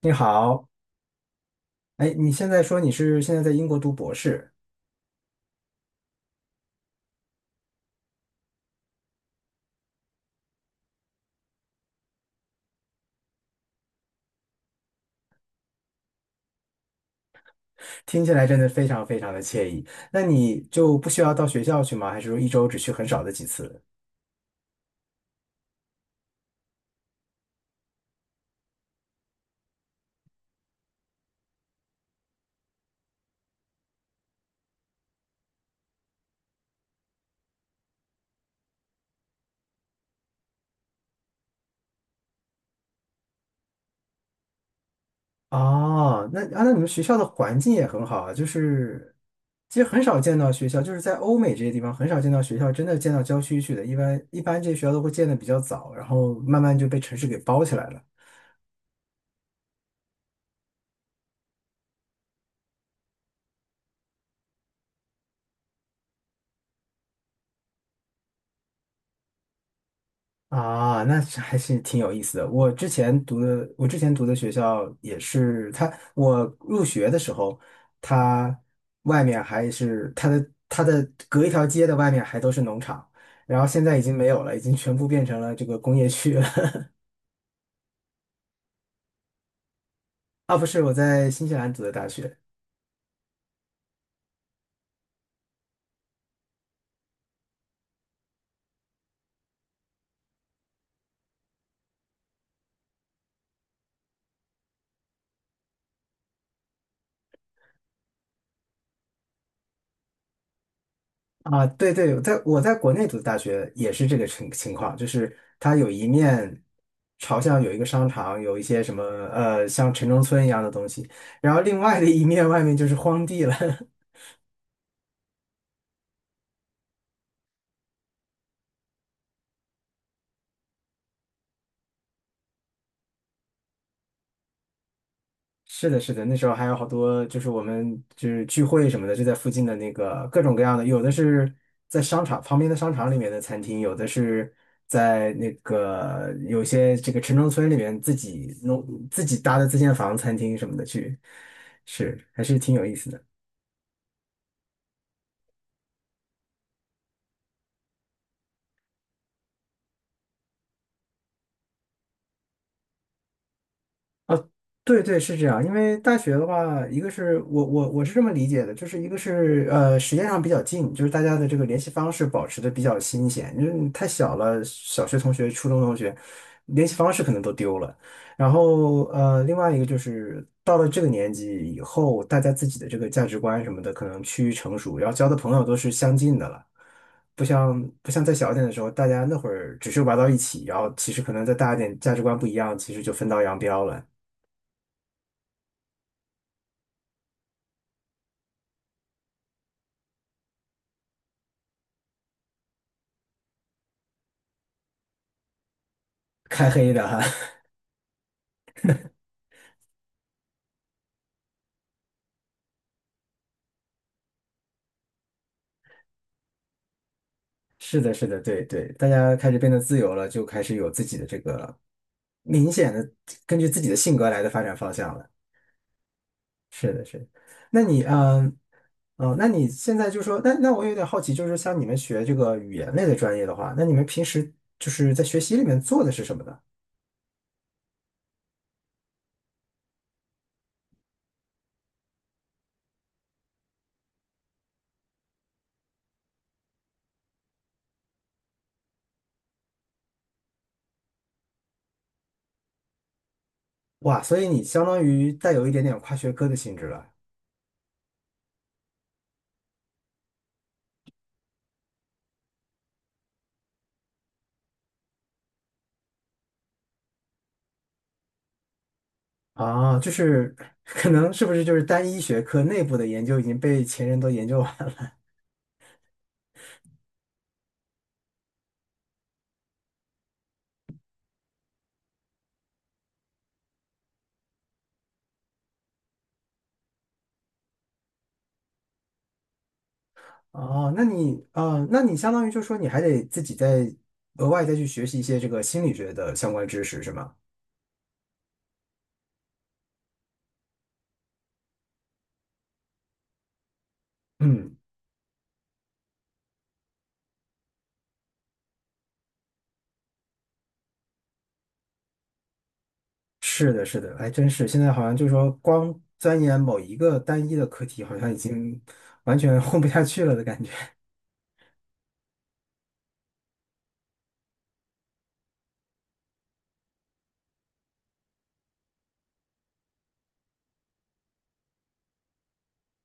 你好，哎，你现在说你是现在在英国读博士，听起来真的非常非常的惬意。那你就不需要到学校去吗？还是说一周只去很少的几次？哦，那你们学校的环境也很好啊，就是其实很少见到学校，就是在欧美这些地方很少见到学校真的建到郊区去的，一般这些学校都会建的比较早，然后慢慢就被城市给包起来了。啊，那是还是挺有意思的。我之前读的学校也是他，我入学的时候，他外面还是他的隔一条街的外面还都是农场，然后现在已经没有了，已经全部变成了这个工业区了。啊，不是，我在新西兰读的大学。啊，对对，在我在国内读的大学也是这个情况，就是它有一面朝向有一个商场，有一些什么像城中村一样的东西，然后另外的一面外面就是荒地了。是的，是的，那时候还有好多，就是我们就是聚会什么的，就在附近的那个各种各样的，有的是在商场旁边的商场里面的餐厅，有的是在那个有些这个城中村里面自己弄自己搭的自建房餐厅什么的去，是还是挺有意思的。对对，是这样。因为大学的话，一个是我是这么理解的，就是一个是时间上比较近，就是大家的这个联系方式保持的比较新鲜。因为你太小了，小学同学、初中同学联系方式可能都丢了。然后另外一个就是到了这个年纪以后，大家自己的这个价值观什么的可能趋于成熟，然后交的朋友都是相近的了。不像再小一点的时候，大家那会儿只是玩到一起，然后其实可能再大一点，价值观不一样，其实就分道扬镳了，开黑的。哈。是的，是的，对对，大家开始变得自由了，就开始有自己的这个明显的根据自己的性格来的发展方向了。是的，是的。那你，哦，那你现在就说，那我有点好奇，就是像你们学这个语言类的专业的话，那你们平时就是在学习里面做的是什么呢？哇，所以你相当于带有一点点跨学科的性质了啊，就是 可能是不是就是单一学科内部的研究已经被前人都研究完了？哦，那你相当于就说你还得自己再额外再去学习一些这个心理学的相关知识，是吗？嗯，是的，是的，还真是。现在好像就是说，光钻研某一个单一的课题，好像已经完全 混不下去了的感觉。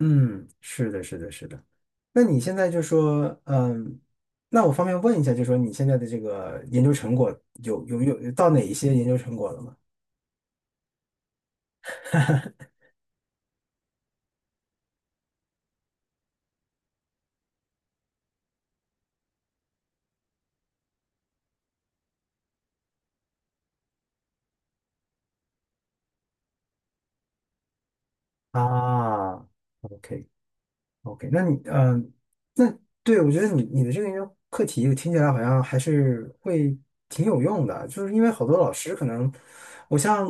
嗯，是的，是的，是的。那你现在就说，那我方便问一下，就说你现在的这个研究成果有到哪一些研究成果了吗？啊，OK。OK,那你那对我觉得你的这个研究课题，我听起来好像还是会挺有用的，就是因为好多老师可能，我像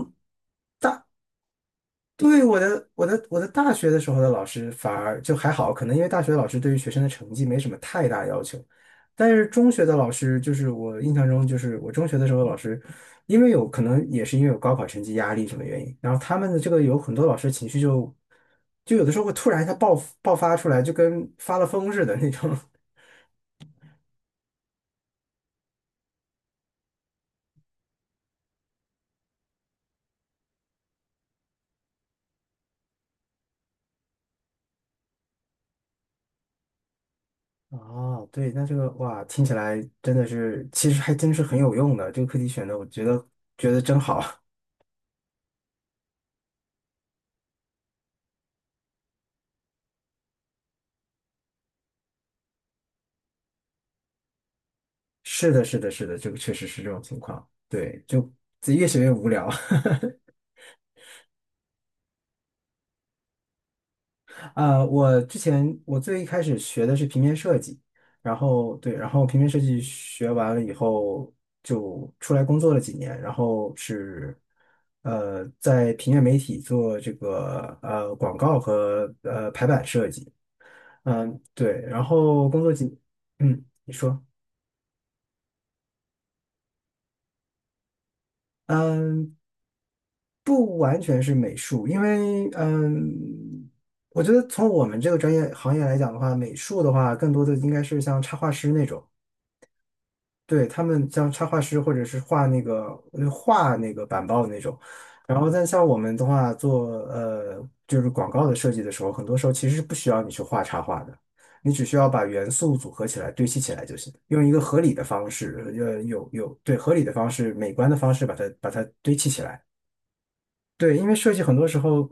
对，我的大学的时候的老师反而就还好，可能因为大学的老师对于学生的成绩没什么太大要求，但是中学的老师就是我印象中就是我中学的时候的老师，因为有可能也是因为有高考成绩压力什么原因，然后他们的这个有很多老师情绪就有的时候会突然一下爆发出来，就跟发了疯似的那种。哦，对，那这个哇，听起来真的是，其实还真是很有用的。这个课题选的，我觉得真好。是的，是的，是的，这个确实是这种情况。对，就自己越学越无聊。我之前我最一开始学的是平面设计，然后对，然后平面设计学完了以后，就出来工作了几年，然后是在平面媒体做这个广告和排版设计，对，然后工作几，嗯，你说。嗯，不完全是美术，因为我觉得从我们这个专业行业来讲的话，美术的话，更多的应该是像插画师那种，对，他们像插画师或者是画那个画那个板报的那种。然后，但像我们的话，做就是广告的设计的时候，很多时候其实是不需要你去画插画的，你只需要把元素组合起来、堆砌起来就行，用一个合理的方式，有有对合理的方式、美观的方式把它堆砌起来。对，因为设计很多时候。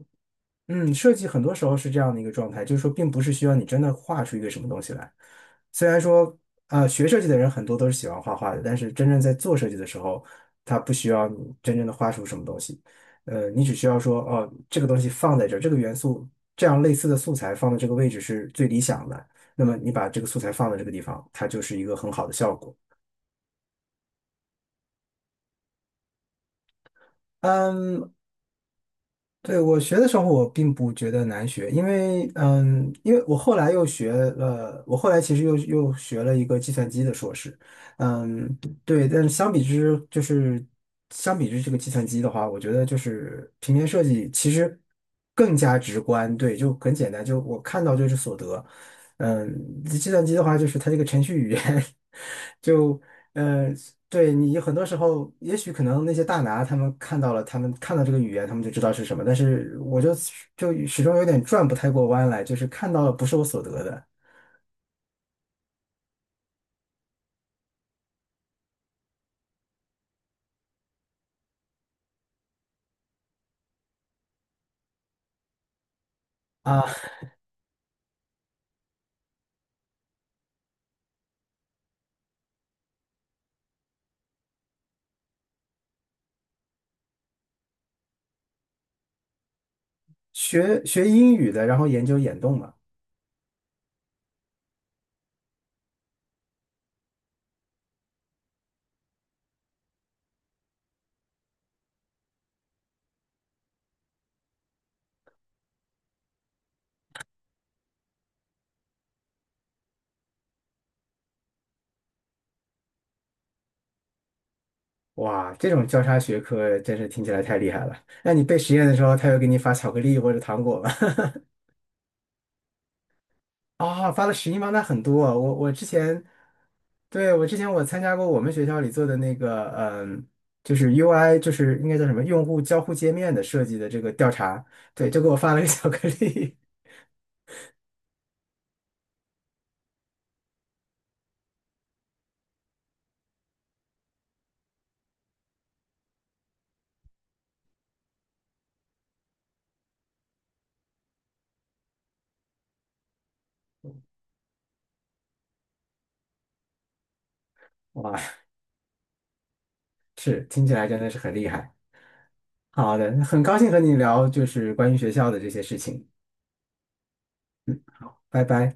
设计很多时候是这样的一个状态，就是说，并不是需要你真的画出一个什么东西来。虽然说，学设计的人很多都是喜欢画画的，但是真正在做设计的时候，他不需要你真正的画出什么东西。你只需要说，哦，这个东西放在这儿，这个元素，这样类似的素材放在这个位置是最理想的。那么你把这个素材放在这个地方，它就是一个很好的效果。嗯，对，我学的时候，我并不觉得难学，因为，因为我后来又学了，我后来其实又学了一个计算机的硕士，嗯，对，但是相比之这个计算机的话，我觉得就是平面设计其实更加直观，对，就很简单，就我看到就是所得，计算机的话就是它这个程序语言 就。呃对你很多时候，也许可能那些大拿他们看到了，他们看到这个语言，他们就知道是什么，但是我就始终有点转不太过弯来，就是看到了不是我所得的啊。学英语的，然后研究眼动嘛，哇，这种交叉学科真是听起来太厉害了。那你背实验的时候，他又给你发巧克力或者糖果吗？啊、发了11吗？那很多啊我之前。对，我之前我参加过我们学校里做的那个，就是 UI,就是应该叫什么用户交互界面的设计的这个调查，对，就给我发了个巧克力，哇，是，听起来真的是很厉害。好的，很高兴和你聊就是关于学校的这些事情，拜拜。